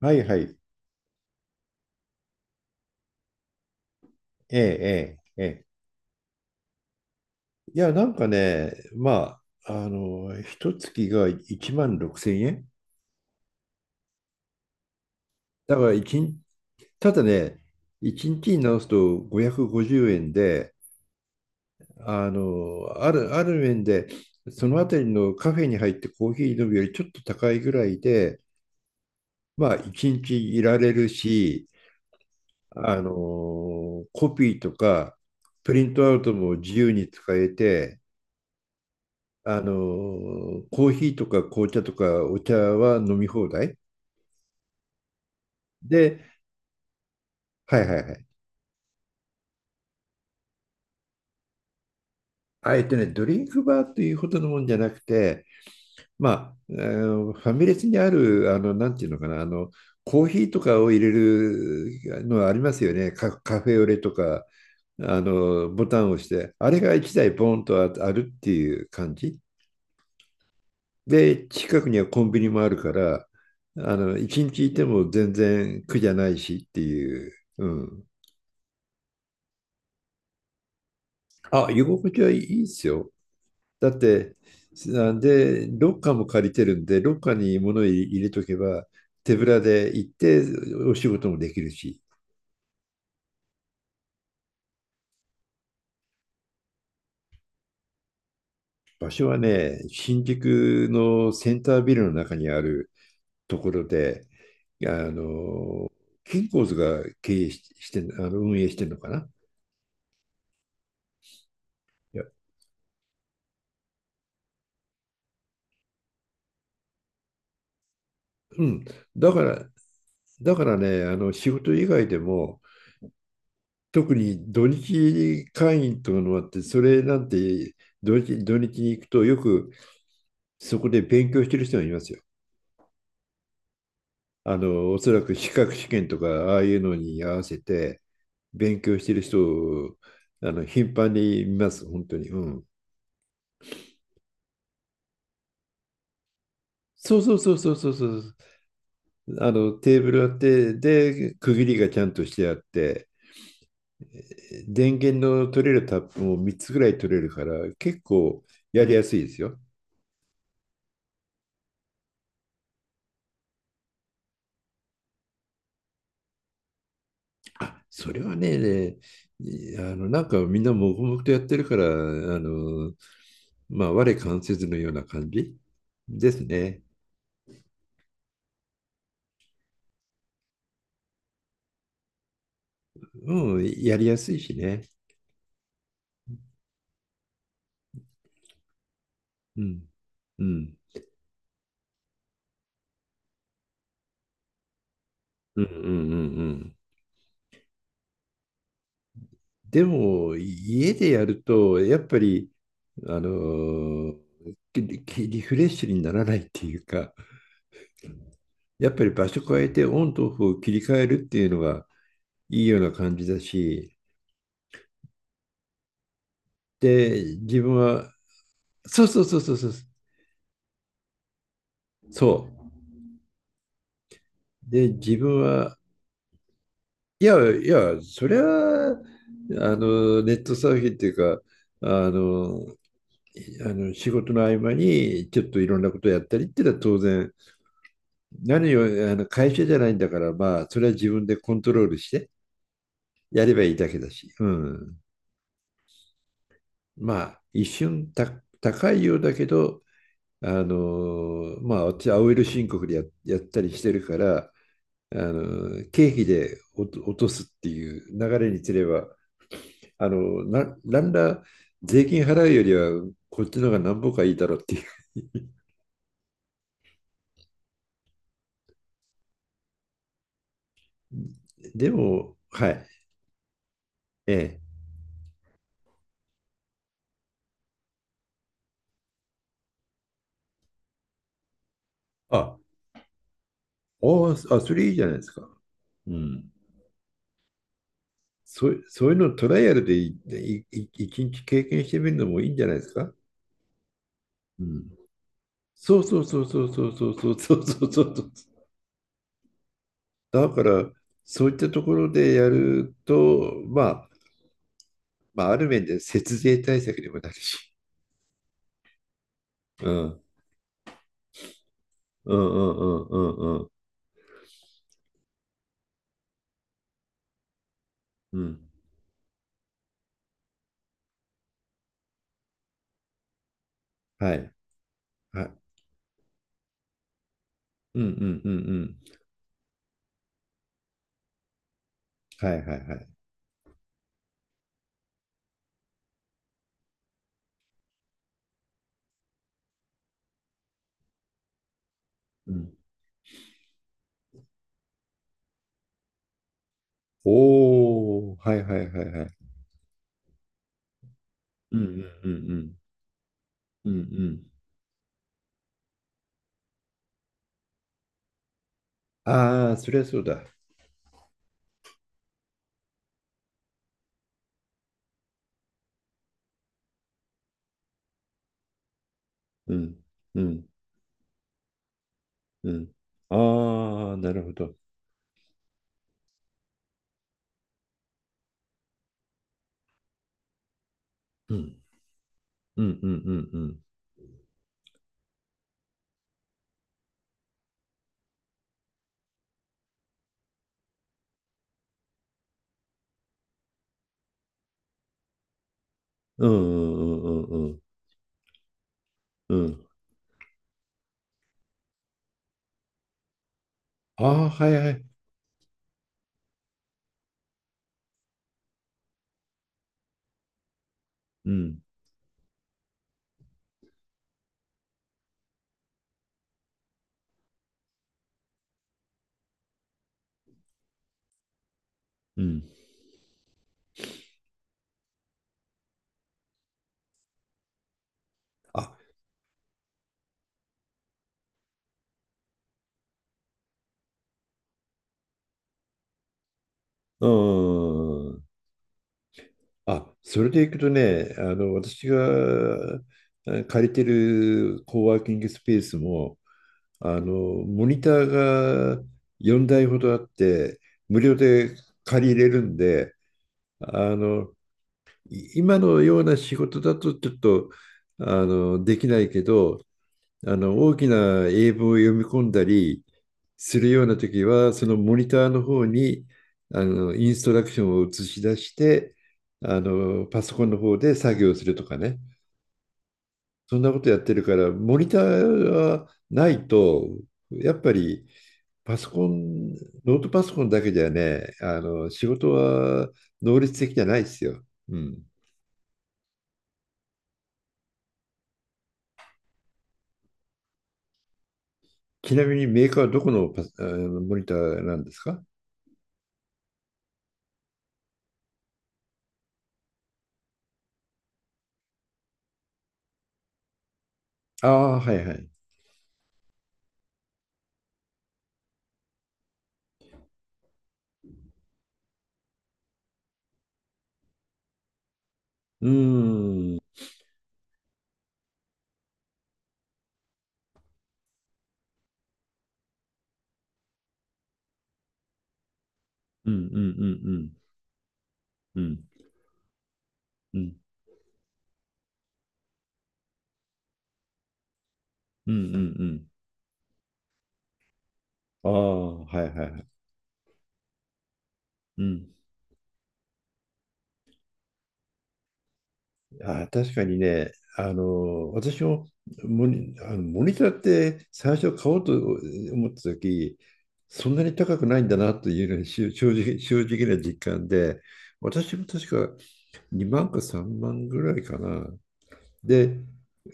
はいはい。ええ、ええ、ええ。いや、なんかね、まあ、一月が1万6千円。だから一日、ただね、1日にちに直すと550円で、ある面で、そのあたりのカフェに入ってコーヒー飲むよりちょっと高いぐらいで、まあ、一日いられるし、あの、コピーとか、プリントアウトも自由に使えて、あのコーヒーとか紅茶とかお茶は飲み放題で、はいはいはい。あえてね、ドリンクバーというほどのもんじゃなくて、まあ、ファミレスにある、なんていうのかな、コーヒーとかを入れるのありますよね、カフェオレとか、ボタンを押して、あれが1台ボンとあるっていう感じ。で、近くにはコンビニもあるから、1日いても全然苦じゃないしっていう、うん。あ、居心地はいいですよ。だって、で、ロッカーも借りてるんで、ロッカーに物入れとけば、手ぶらで行ってお仕事もできるし、場所はね、新宿のセンタービルの中にあるところで、あの、キンコーズが経営し、してん、あの、運営してるのかな。いや、うん。だから、だからね、仕事以外でも、特に土日会員というのがあって、それなんて土日に行くとよくそこで勉強してる人がいますよ。おそらく資格試験とかああいうのに合わせて勉強してる人を頻繁に見ます、本当に。うん。そうそうそうそうそうそう。テーブルあって、で、区切りがちゃんとしてあって、電源の取れるタップも3つぐらい取れるから、結構やりやすいですよ。あ、それはね、いあの、なんかみんな黙々とやってるから、まあ、我関せずのような感じですね。うん、やりやすいしね。うん。うん。うんうんうんうん。でも、家でやると、やっぱり、あのききリフレッシュにならないっていうか、やっぱり場所変えてオンとオフを切り替えるっていうのがいいような感じだし、で、自分は、そうそうそうそうそう、そう。で、自分は、いやいや、そりゃ、ネットサーフィンっていうか、あの、いあの仕事の合間にちょっといろんなことやったりっていうのは当然、何より会社じゃないんだから、まあ、それは自分でコントロールしてやればいいだけだし、うん。まあ、一瞬高いようだけど、まあ、私、青色申告でやったりしてるから、経費で落とすっていう流れにすればなんだ、税金払うよりは、こっちの方が何歩かいいだろうっていう。でも、はい、ええ。あ、あ、あ、それいいじゃないですか。うん。そういうのトライアルでいいい一日経験してみるのもいいんじゃないですか。うん。そうそうそうそうそうそうそうそうそうそう。だから、そういったところでやると、あ、まあ、ある面で節税対策にもなるし。うん。うんうんうんうんうん。うん。はい。はい。うんうんうんうん。はいはいはい。うん。おおはいはいはいはい。うんうんうんうん。うんうん。ああ、そりゃそうだ。うんうんうん。ああ、なるほど。うんうんうんうんうん。うんうんうんうんうん。うん。ああ、はいはい。うんうん。あ、うん。あ、それでいくとね、私が借りてるコワーキングスペースも、あの、モニターが4台ほどあって、無料で借りれるんで、あの、今のような仕事だとちょっと、できないけど、大きな英文を読み込んだりするような時は、そのモニターの方に、インストラクションを映し出して、パソコンの方で作業するとかね。そんなことやってるから、モニターはないと、やっぱりパソコン、ノートパソコンだけじゃね、仕事は能率的じゃないですよ。うん。ちなみにメーカーはどこのあのモニターなんですか？ああ、はいはい。うーん。うんうんうんうん。うんうんうんうんうん。ああ、はいはいはい。うん。あ、確かにね、私もモニターって最初買おうと思った時、そんなに高くないんだなというのが正直な実感で、私も確か2万か3万ぐらいかな。で、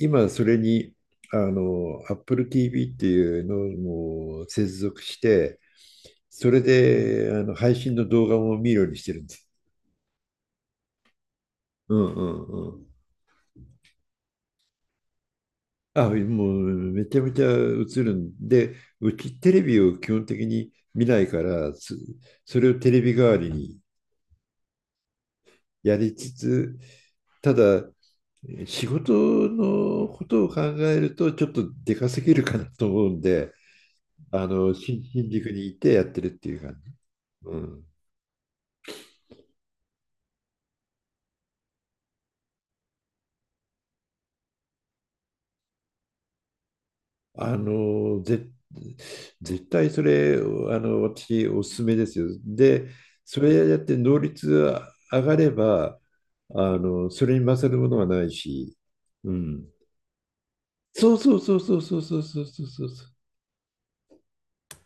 今それに、Apple TV っていうのも接続して、それで配信の動画も見るようにしてるんです。うんうん、あ、もうめちゃめちゃ映るんで、うちテレビを基本的に見ないから、それをテレビ代わりにやりつつ、ただ仕事のことを考えるとちょっとでかすぎるかなと思うんで、新宿にいてやってるっていう感じ。うん。あのぜ絶対それ私おすすめですよ。で、それやって能率が上がればそれに勝るものはないし、うん、そうそうそうそうそうそうそうそうそうそう